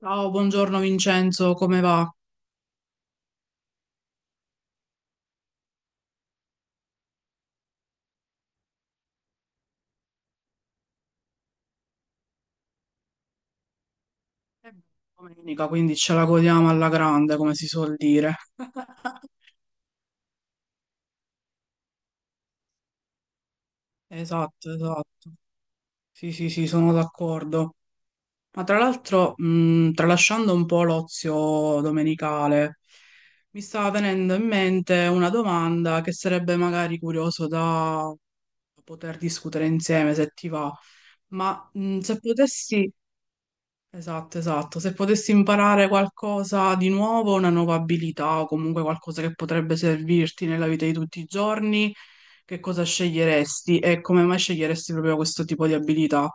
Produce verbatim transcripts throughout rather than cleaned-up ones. Ciao, buongiorno Vincenzo, come va? È domenica, quindi ce la godiamo alla grande, come si suol dire. Esatto, esatto. Sì, sì, sì, sono d'accordo. Ma tra l'altro, mh, tralasciando un po' l'ozio domenicale, mi sta venendo in mente una domanda che sarebbe magari curioso da poter discutere insieme, se ti va. Ma mh, se potessi, Esatto, esatto. Se potessi imparare qualcosa di nuovo, una nuova abilità o comunque qualcosa che potrebbe servirti nella vita di tutti i giorni, che cosa sceglieresti e come mai sceglieresti proprio questo tipo di abilità?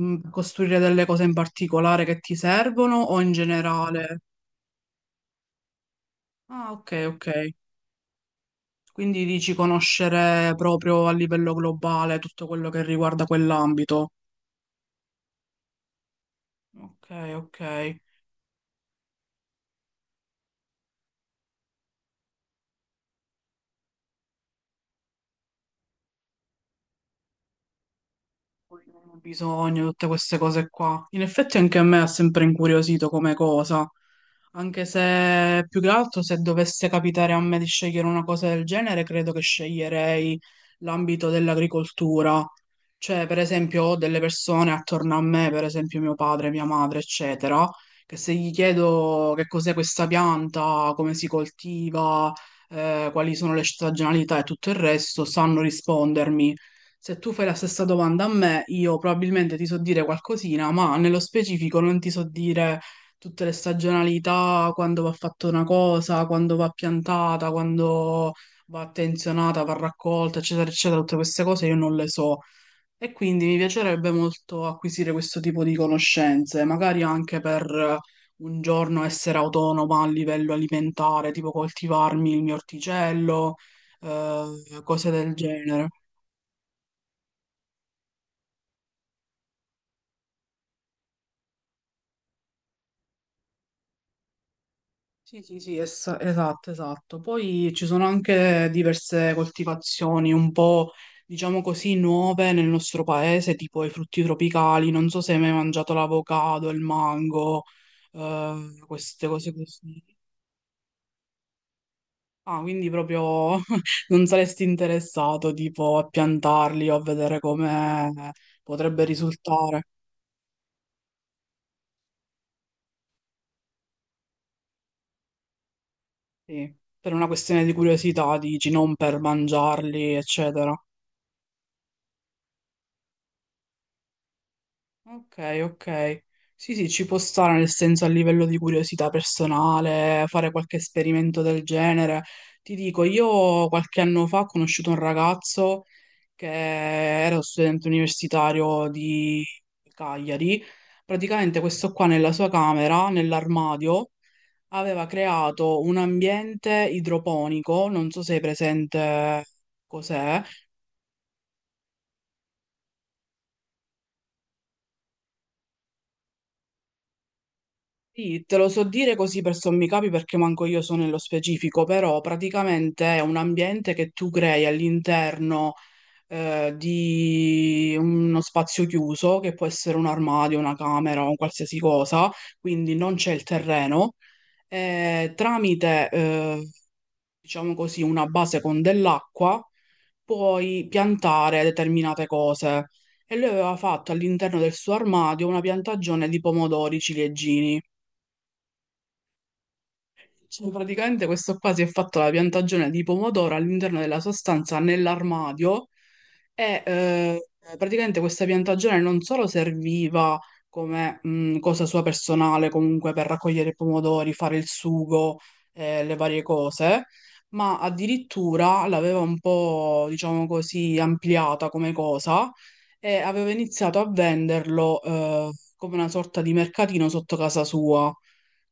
Mm, Costruire delle cose in particolare che ti servono o in generale? Ah, ok, ok. Quindi dici conoscere proprio a livello globale tutto quello che riguarda quell'ambito. Ok, ok. Un bisogno, tutte queste cose qua. In effetti anche a me ha sempre incuriosito come cosa, anche se più che altro se dovesse capitare a me di scegliere una cosa del genere, credo che sceglierei l'ambito dell'agricoltura. Cioè, per esempio, ho delle persone attorno a me, per esempio mio padre, mia madre, eccetera, che se gli chiedo che cos'è questa pianta, come si coltiva, eh, quali sono le stagionalità e tutto il resto, sanno rispondermi. Se tu fai la stessa domanda a me, io probabilmente ti so dire qualcosina, ma nello specifico non ti so dire tutte le stagionalità, quando va fatta una cosa, quando va piantata, quando va attenzionata, va raccolta, eccetera, eccetera, tutte queste cose io non le so. E quindi mi piacerebbe molto acquisire questo tipo di conoscenze, magari anche per eh, un giorno essere autonoma a livello alimentare, tipo coltivarmi il mio orticello, eh, cose del genere. Sì, sì, sì, es- esatto, esatto. Poi ci sono anche diverse coltivazioni un po', diciamo così, nuove nel nostro paese, tipo i frutti tropicali. Non so se hai mai mangiato l'avocado, il mango, eh, queste cose così. Ah, quindi proprio non saresti interessato, tipo, a piantarli o a vedere come potrebbe risultare. Sì, per una questione di curiosità, dici, non per mangiarli, eccetera. Ok, ok. Sì, sì, ci può stare nel senso a livello di curiosità personale, fare qualche esperimento del genere. Ti dico, io qualche anno fa ho conosciuto un ragazzo che era studente universitario di Cagliari. Praticamente questo qua nella sua camera, nell'armadio, aveva creato un ambiente idroponico, non so se è presente cos'è. Sì, te lo so dire così per sommi capi perché manco io so nello specifico, però praticamente è un ambiente che tu crei all'interno eh, di uno spazio chiuso, che può essere un armadio, una camera o un qualsiasi cosa, quindi non c'è il terreno, e tramite, eh, diciamo così, una base con dell'acqua puoi piantare determinate cose. E lui aveva fatto all'interno del suo armadio una piantagione di pomodori ciliegini. Cioè, praticamente questo qua si è fatto la piantagione di pomodoro all'interno della sua stanza nell'armadio e eh, praticamente questa piantagione non solo serviva come mh, cosa sua personale, comunque per raccogliere i pomodori, fare il sugo, eh, le varie cose, ma addirittura l'aveva un po', diciamo così, ampliata come cosa e aveva iniziato a venderlo eh, come una sorta di mercatino sotto casa sua.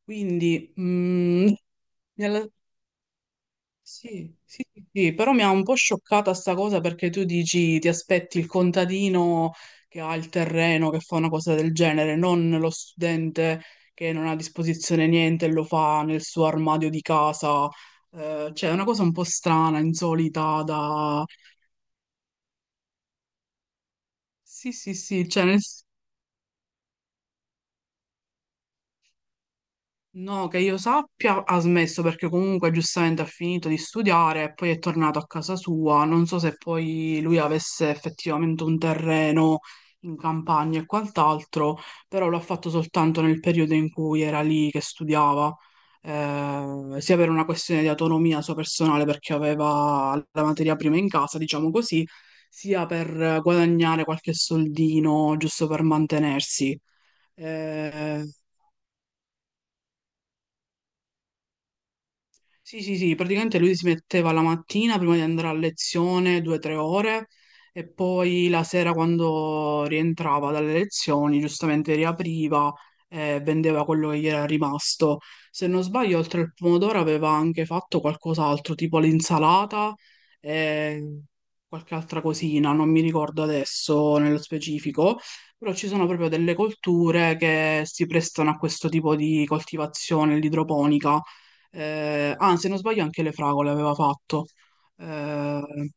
Quindi, mm, Nella- Sì, sì, sì, sì, però mi ha un po' scioccata sta cosa perché tu dici ti aspetti il contadino che ha il terreno, che fa una cosa del genere, non lo studente che non ha a disposizione niente e lo fa nel suo armadio di casa. Eh, cioè, è una cosa un po' strana, insolita da... Sì, sì, sì, cioè, nel- no, che io sappia, ha smesso perché comunque giustamente ha finito di studiare e poi è tornato a casa sua. Non so se poi lui avesse effettivamente un terreno in campagna e quant'altro, però l'ha fatto soltanto nel periodo in cui era lì che studiava, eh, sia per una questione di autonomia sua personale perché aveva la materia prima in casa, diciamo così, sia per guadagnare qualche soldino giusto per mantenersi. Eh, Sì, sì, sì, praticamente lui si metteva la mattina prima di andare a lezione due o tre ore e poi la sera quando rientrava dalle lezioni giustamente riapriva e vendeva quello che gli era rimasto. Se non sbaglio, oltre al pomodoro aveva anche fatto qualcos'altro, tipo l'insalata e qualche altra cosina, non mi ricordo adesso nello specifico, però ci sono proprio delle colture che si prestano a questo tipo di coltivazione, l'idroponica eh, ah, se non sbaglio anche le fragole aveva fatto. Eh,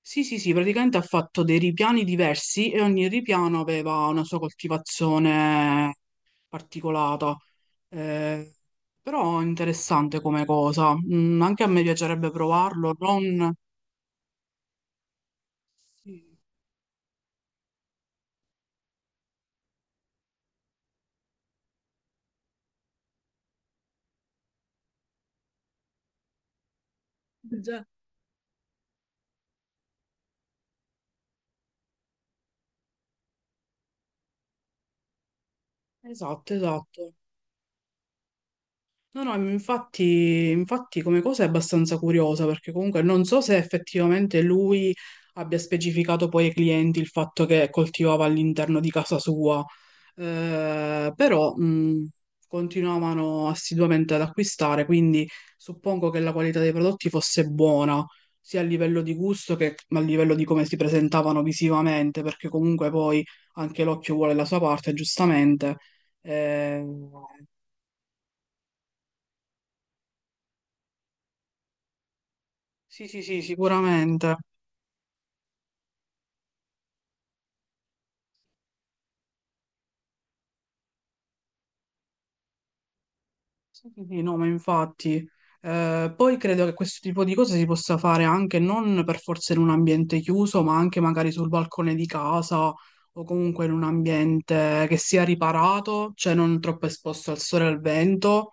sì, sì, sì, praticamente ha fatto dei ripiani diversi e ogni ripiano aveva una sua coltivazione particolata. Eh, Però interessante come cosa. Mm, anche a me piacerebbe provarlo, non... Sì, già. Esatto, esatto. No, no, infatti, infatti come cosa è abbastanza curiosa perché comunque non so se effettivamente lui abbia specificato poi ai clienti il fatto che coltivava all'interno di casa sua, eh, però mh, continuavano assiduamente ad acquistare, quindi suppongo che la qualità dei prodotti fosse buona, sia a livello di gusto che a livello di come si presentavano visivamente, perché comunque poi anche l'occhio vuole la sua parte, giustamente. Eh, Sì, sì, sì, sicuramente. Sì, sì, sì, no, ma infatti. Eh, poi credo che questo tipo di cose si possa fare anche non per forza in un ambiente chiuso, ma anche magari sul balcone di casa o comunque in un ambiente che sia riparato, cioè non troppo esposto al sole e al vento,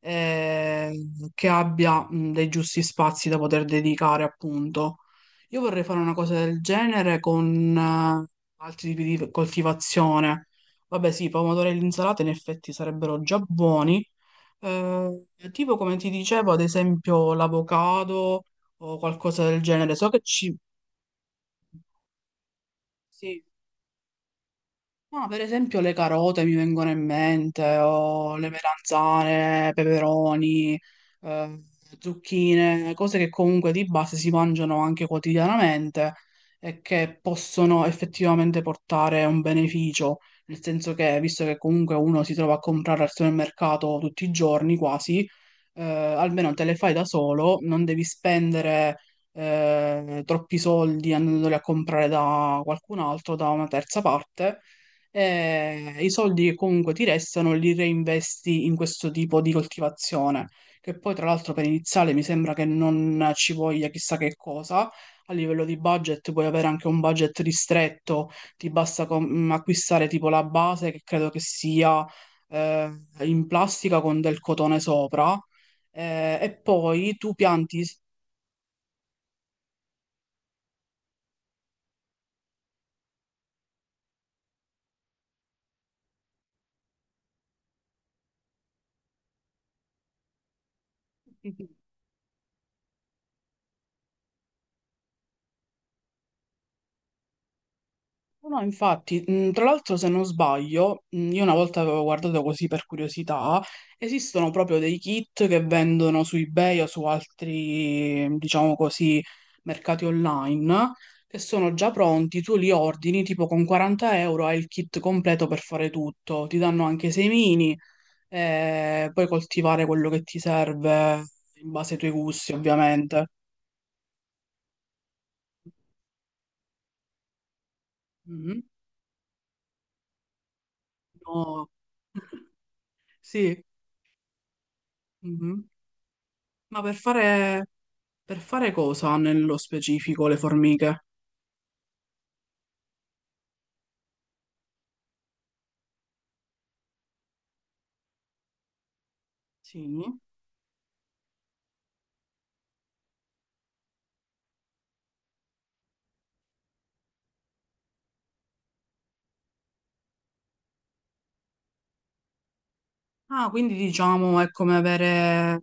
eh, che abbia mh, dei giusti spazi da poter dedicare, appunto. Io vorrei fare una cosa del genere con eh, altri tipi di coltivazione. Vabbè, sì, i pomodori e l'insalata in effetti sarebbero già buoni. Eh, tipo come ti dicevo, ad esempio l'avocado o qualcosa del genere. So che ci... sì. Ma per esempio le carote mi vengono in mente, o le melanzane, peperoni, eh, zucchine, cose che comunque di base si mangiano anche quotidianamente e che possono effettivamente portare un beneficio, nel senso che visto che comunque uno si trova a comprare al supermercato tutti i giorni quasi, eh, almeno te le fai da solo, non devi spendere eh, troppi soldi andandoli a comprare da qualcun altro, da una terza parte e i soldi che comunque ti restano li reinvesti in questo tipo di coltivazione, che poi tra l'altro per iniziale mi sembra che non ci voglia chissà che cosa. A livello di budget puoi avere anche un budget ristretto, ti basta com- mm, acquistare tipo la base che credo che sia eh, in plastica con del cotone sopra eh, e poi tu pianti. No, infatti, mh, tra l'altro se non sbaglio, mh, io una volta avevo guardato così per curiosità, esistono proprio dei kit che vendono su eBay o su altri, diciamo così, mercati online, che sono già pronti, tu li ordini, tipo con quaranta euro hai il kit completo per fare tutto, ti danno anche i semini, e puoi coltivare quello che ti serve in base ai tuoi gusti, ovviamente. Mhm. No. Sì, mhm. Ma per fare... Per fare cosa nello specifico le formiche? Sì. Ah, quindi diciamo è come avere,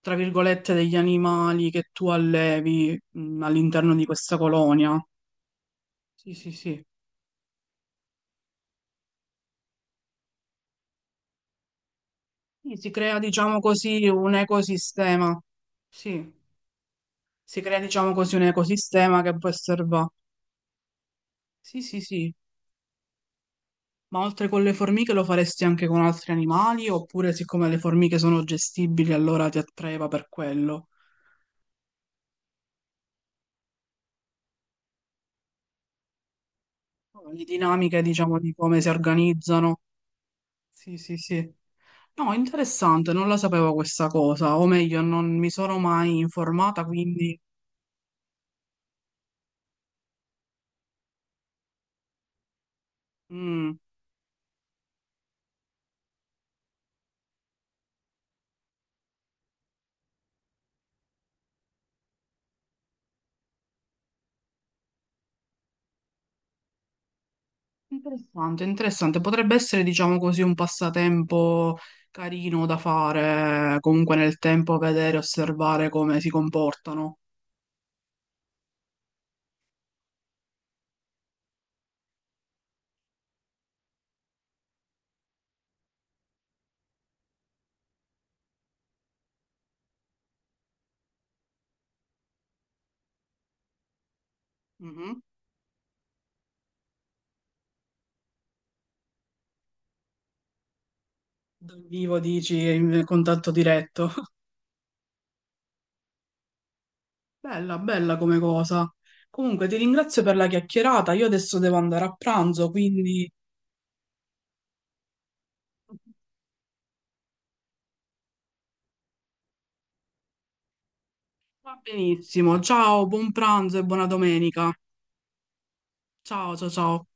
tra virgolette, degli animali che tu allevi mh, all'interno di questa colonia. Sì, sì, sì. Sì, si crea, diciamo così, un ecosistema. Sì, si crea, diciamo così, un ecosistema che può osservare. Sì, sì, sì. Ma oltre con le formiche lo faresti anche con altri animali? Oppure siccome le formiche sono gestibili, allora ti attraeva per quello? Le dinamiche, diciamo, di come si organizzano. Sì, sì, sì. No, interessante, non la sapevo questa cosa, o meglio, non mi sono mai informata, quindi... mm, interessante, interessante. Potrebbe essere, diciamo così, un passatempo carino da fare, comunque nel tempo vedere, osservare come si comportano. Mhm. Dal vivo dici, in contatto diretto. Bella, bella come cosa. Comunque ti ringrazio per la chiacchierata, io adesso devo andare a pranzo, quindi... Va benissimo, ciao, buon pranzo e buona domenica. Ciao, ciao, ciao.